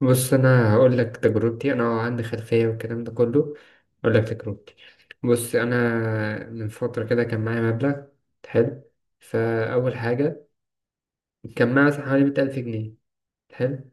بص انا هقول لك تجربتي انا عندي خلفيه والكلام ده كله هقول لك تجربتي. بص انا من فتره كده كان معايا مبلغ حلو. فاول حاجه كان معايا مثلا حوالي 100,000 جنيه. حلو،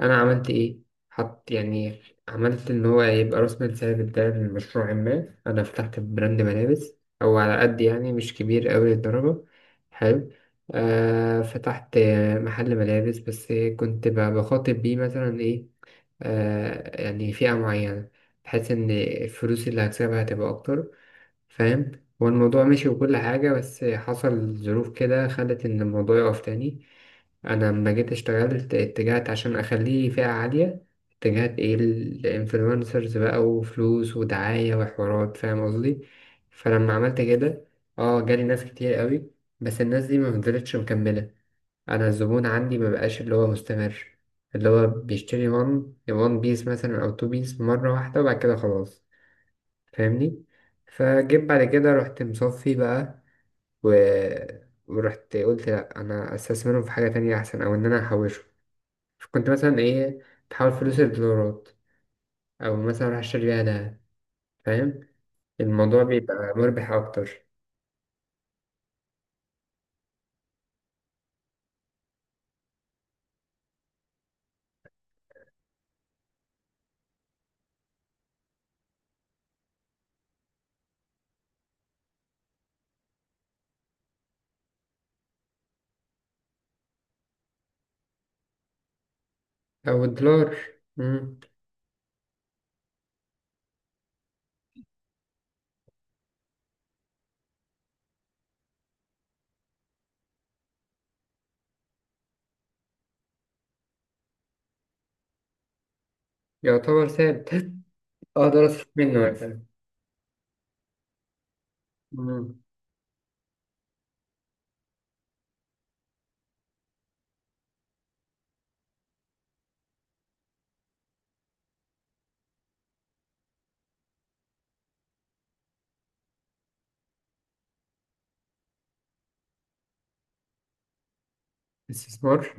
انا عملت ايه؟ حط يعني، عملت ان هو يبقى راس مال ثابت ده لمشروع ما. انا فتحت براند ملابس او على قد يعني، مش كبير قوي للدرجه. حلو. آه، فتحت محل ملابس، بس كنت بخاطب بيه مثلا ايه، يعني فئة معينة، بحيث إن الفلوس اللي هكسبها هتبقى أكتر. فاهم؟ هو الموضوع مشي وكل حاجة، بس حصل ظروف كده خلت إن الموضوع يقف تاني. أنا لما جيت اشتغلت اتجهت عشان أخليه فئة عالية، اتجهت إيه؟ الإنفلونسرز بقى وفلوس ودعاية وحوارات، فاهم قصدي؟ فلما عملت كده اه جالي ناس كتير قوي، بس الناس دي ما فضلتش مكملة. انا الزبون عندي ما بقاش اللي هو مستمر، اللي هو بيشتري وان وان بيس مثلا او تو بيس مره واحده وبعد كده خلاص. فاهمني؟ فجيت بعد كده رحت مصفي بقى. و... ورحت قلت لا، انا استثمرهم في حاجه تانية احسن او ان انا احوشه. كنت مثلا ايه، بحول فلوس الدولارات او مثلا اروح اشتري بيها دهب. فاهم؟ الموضوع بيبقى مربح اكتر. او الدولار. مم. يعتبر ثابت اقدر اصرف منه مثلا. مم. استثمار.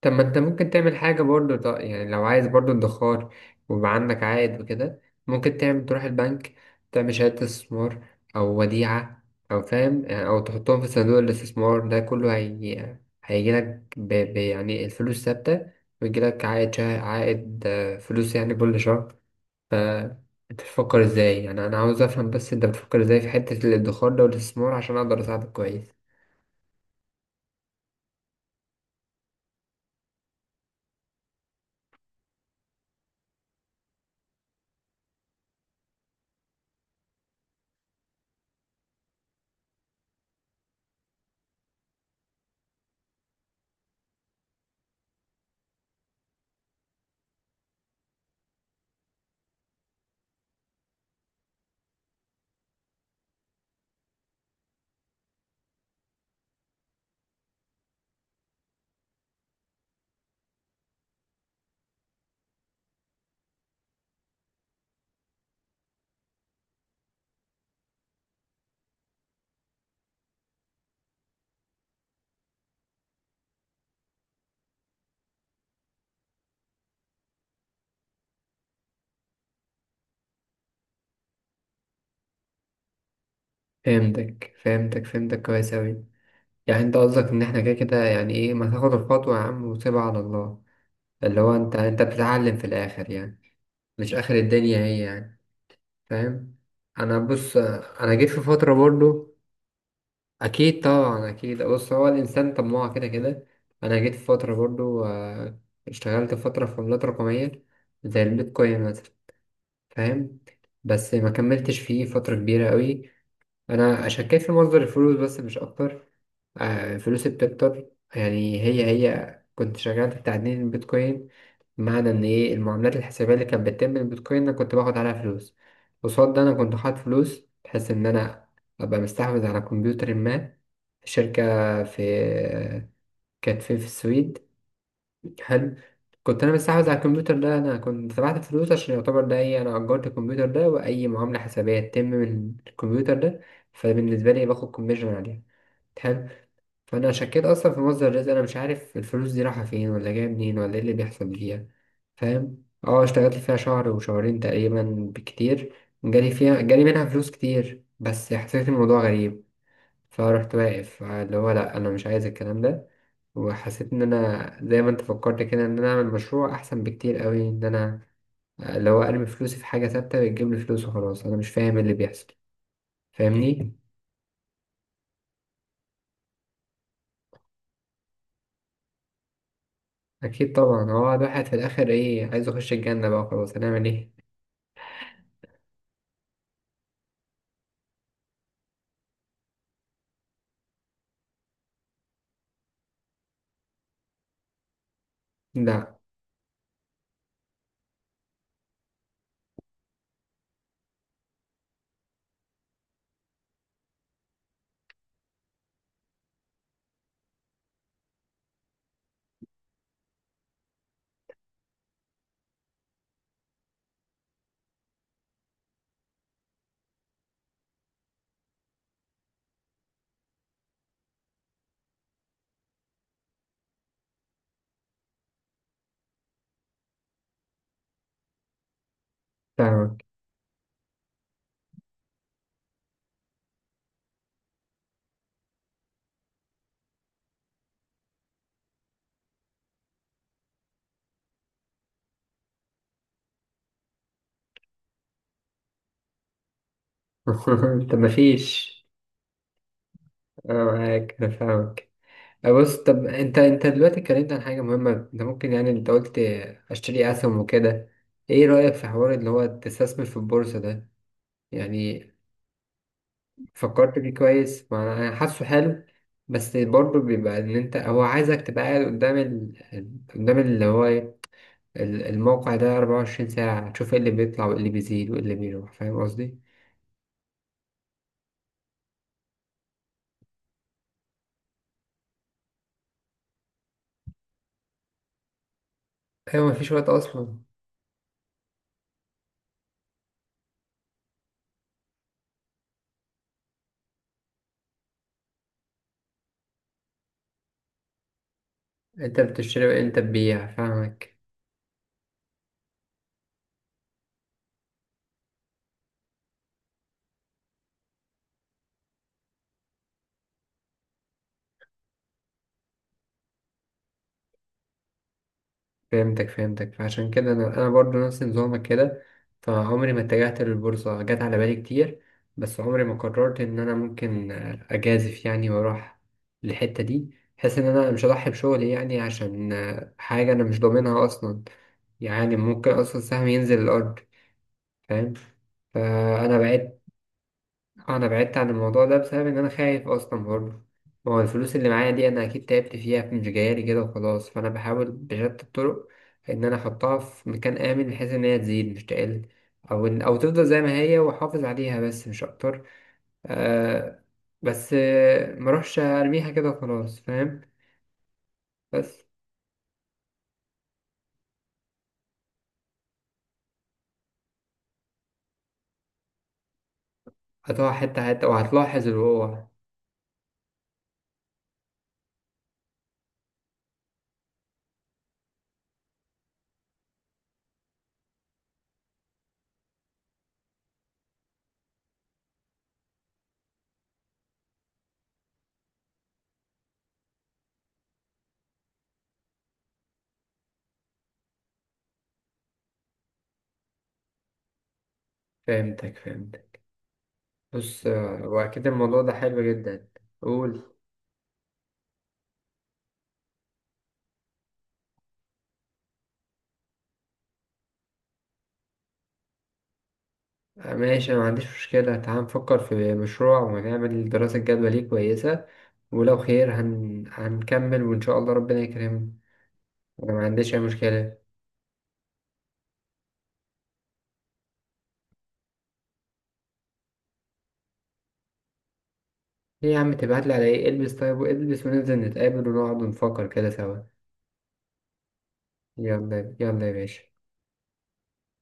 طب ما انت ممكن تعمل حاجة برضو، يعني لو عايز برضو ادخار ويبقى عندك عائد وكده. ممكن تعمل تروح البنك، تعمل شهادة استثمار أو وديعة، أو فاهم، أو تحطهم في صندوق الاستثمار. ده كله هيجيلك يعني الفلوس ثابتة ويجيلك عائد فلوس يعني كل شهر. ف انت بتفكر ازاي؟ يعني انا عاوز افهم بس، انت بتفكر ازاي في حتة الادخار ده والاستثمار عشان اقدر اساعدك كويس؟ فهمتك، فهمتك كويس اوي. يعني انت قصدك ان احنا كده كده يعني ايه، ما تاخد الخطوة يا عم وسيبها على الله، اللي هو انت بتتعلم في الاخر يعني. مش اخر الدنيا هي يعني. فاهم؟ انا بص، انا جيت في فترة برضو. اكيد طبعا، اكيد. بص، هو الانسان طماع كده كده. انا جيت في فترة برضو، اشتغلت فترة في عملات رقمية زي البيتكوين مثلا. فاهم؟ بس ما كملتش فيه فترة كبيرة قوي. انا شكيت في مصدر الفلوس بس مش اكتر. فلوسي بتكتر يعني. هي كنت شغال في تعدين البيتكوين، بمعنى ان ايه المعاملات الحسابية اللي كانت بتتم بالبيتكوين انا كنت باخد عليها فلوس. قصاد ده انا كنت حاطط فلوس بحيث ان انا ابقى مستحوذ على كمبيوتر ما، شركة في كانت فين؟ في السويد. حلو. كنت انا مستحوذ على الكمبيوتر ده، انا كنت دفعت فلوس عشان يعتبر ده ايه، انا اجرت الكمبيوتر ده واي معاملة حسابية تتم من الكمبيوتر ده فبالنسبة لي باخد كوميشن عليها. حلو. فانا شكيت اصلا في مصدر الرزق. انا مش عارف الفلوس دي رايحه فين ولا جايه منين ولا ايه اللي بيحصل فيها. فاهم؟ اه اشتغلت فيها شهر وشهرين تقريبا، بكتير جالي منها فلوس كتير بس حسيت الموضوع غريب. فرحت واقف، اللي هو لا، انا مش عايز الكلام ده. وحسيت ان انا زي ما انت فكرت كده، ان انا اعمل مشروع احسن بكتير قوي، ان انا اللي هو ارمي فلوسي في حاجه ثابته بتجيب لي فلوس وخلاص. انا مش فاهم إيه اللي بيحصل. فاهمني؟ اكيد طبعا. هو الواحد في الاخر ايه، عايز يخش الجنه بقى، خلاص هنعمل ايه. لا فاهمك. طب مفيش. أنا معاك، أنا فاهمك. بص، طب أنت دلوقتي اتكلمت عن حاجة مهمة. أنت ممكن يعني، أنت قلت أشتري أسهم وكده، إيه رأيك في حوار اللي هو تستثمر في البورصة ده؟ يعني فكرت فيه كويس، ما أنا حاسه حلو. بس برضه بيبقى إن أنت هو عايزك تبقى قاعد قدام قدام اللي هو إيه؟ الموقع ده 24 ساعة، تشوف إيه اللي بيطلع وإيه اللي بيزيد وإيه اللي بيروح، فاهم قصدي؟ أيوة مفيش وقت أصلا. انت بتشتري وانت تبيع، فاهمك. فهمتك، فهمتك. فعشان كده انا، برضو نفس نظامك كده. فعمري ما اتجهت للبورصة، جت على بالي كتير بس عمري ما قررت ان انا ممكن اجازف يعني واروح للحتة دي، بحيث ان انا مش هضحي بشغلي يعني عشان حاجة انا مش ضامنها اصلا. يعني ممكن اصلا السهم ينزل الارض. فاهم؟ فانا بعدت. انا بعدت عن الموضوع ده بسبب ان انا خايف اصلا برضه. ما هو الفلوس اللي معايا دي انا اكيد تعبت فيها، مش جايالي كده وخلاص. فانا بحاول بشتى الطرق ان انا احطها في مكان امن، بحيث ان هي تزيد مش تقل، او إن او تفضل زي ما هي واحافظ عليها بس مش اكتر. آه. بس ما اروحش ارميها كده وخلاص، فاهم؟ بس هتقع حته حته وهتلاحظ الوقوع. فهمتك، فهمتك. بص واكيد الموضوع ده حلو جدا. قول. ماشي، أنا ما عنديش مشكلة. تعال نفكر في مشروع ونعمل دراسة جدوى ليه كويسة، ولو خير هنكمل وإن شاء الله ربنا يكرمنا. أنا ما عنديش أي مشكلة. ليه يا عم تبعتلي، على إيه؟ البس طيب والبس وننزل نتقابل ونقعد ونفكر كده سوا. يلا يلا يا باشا.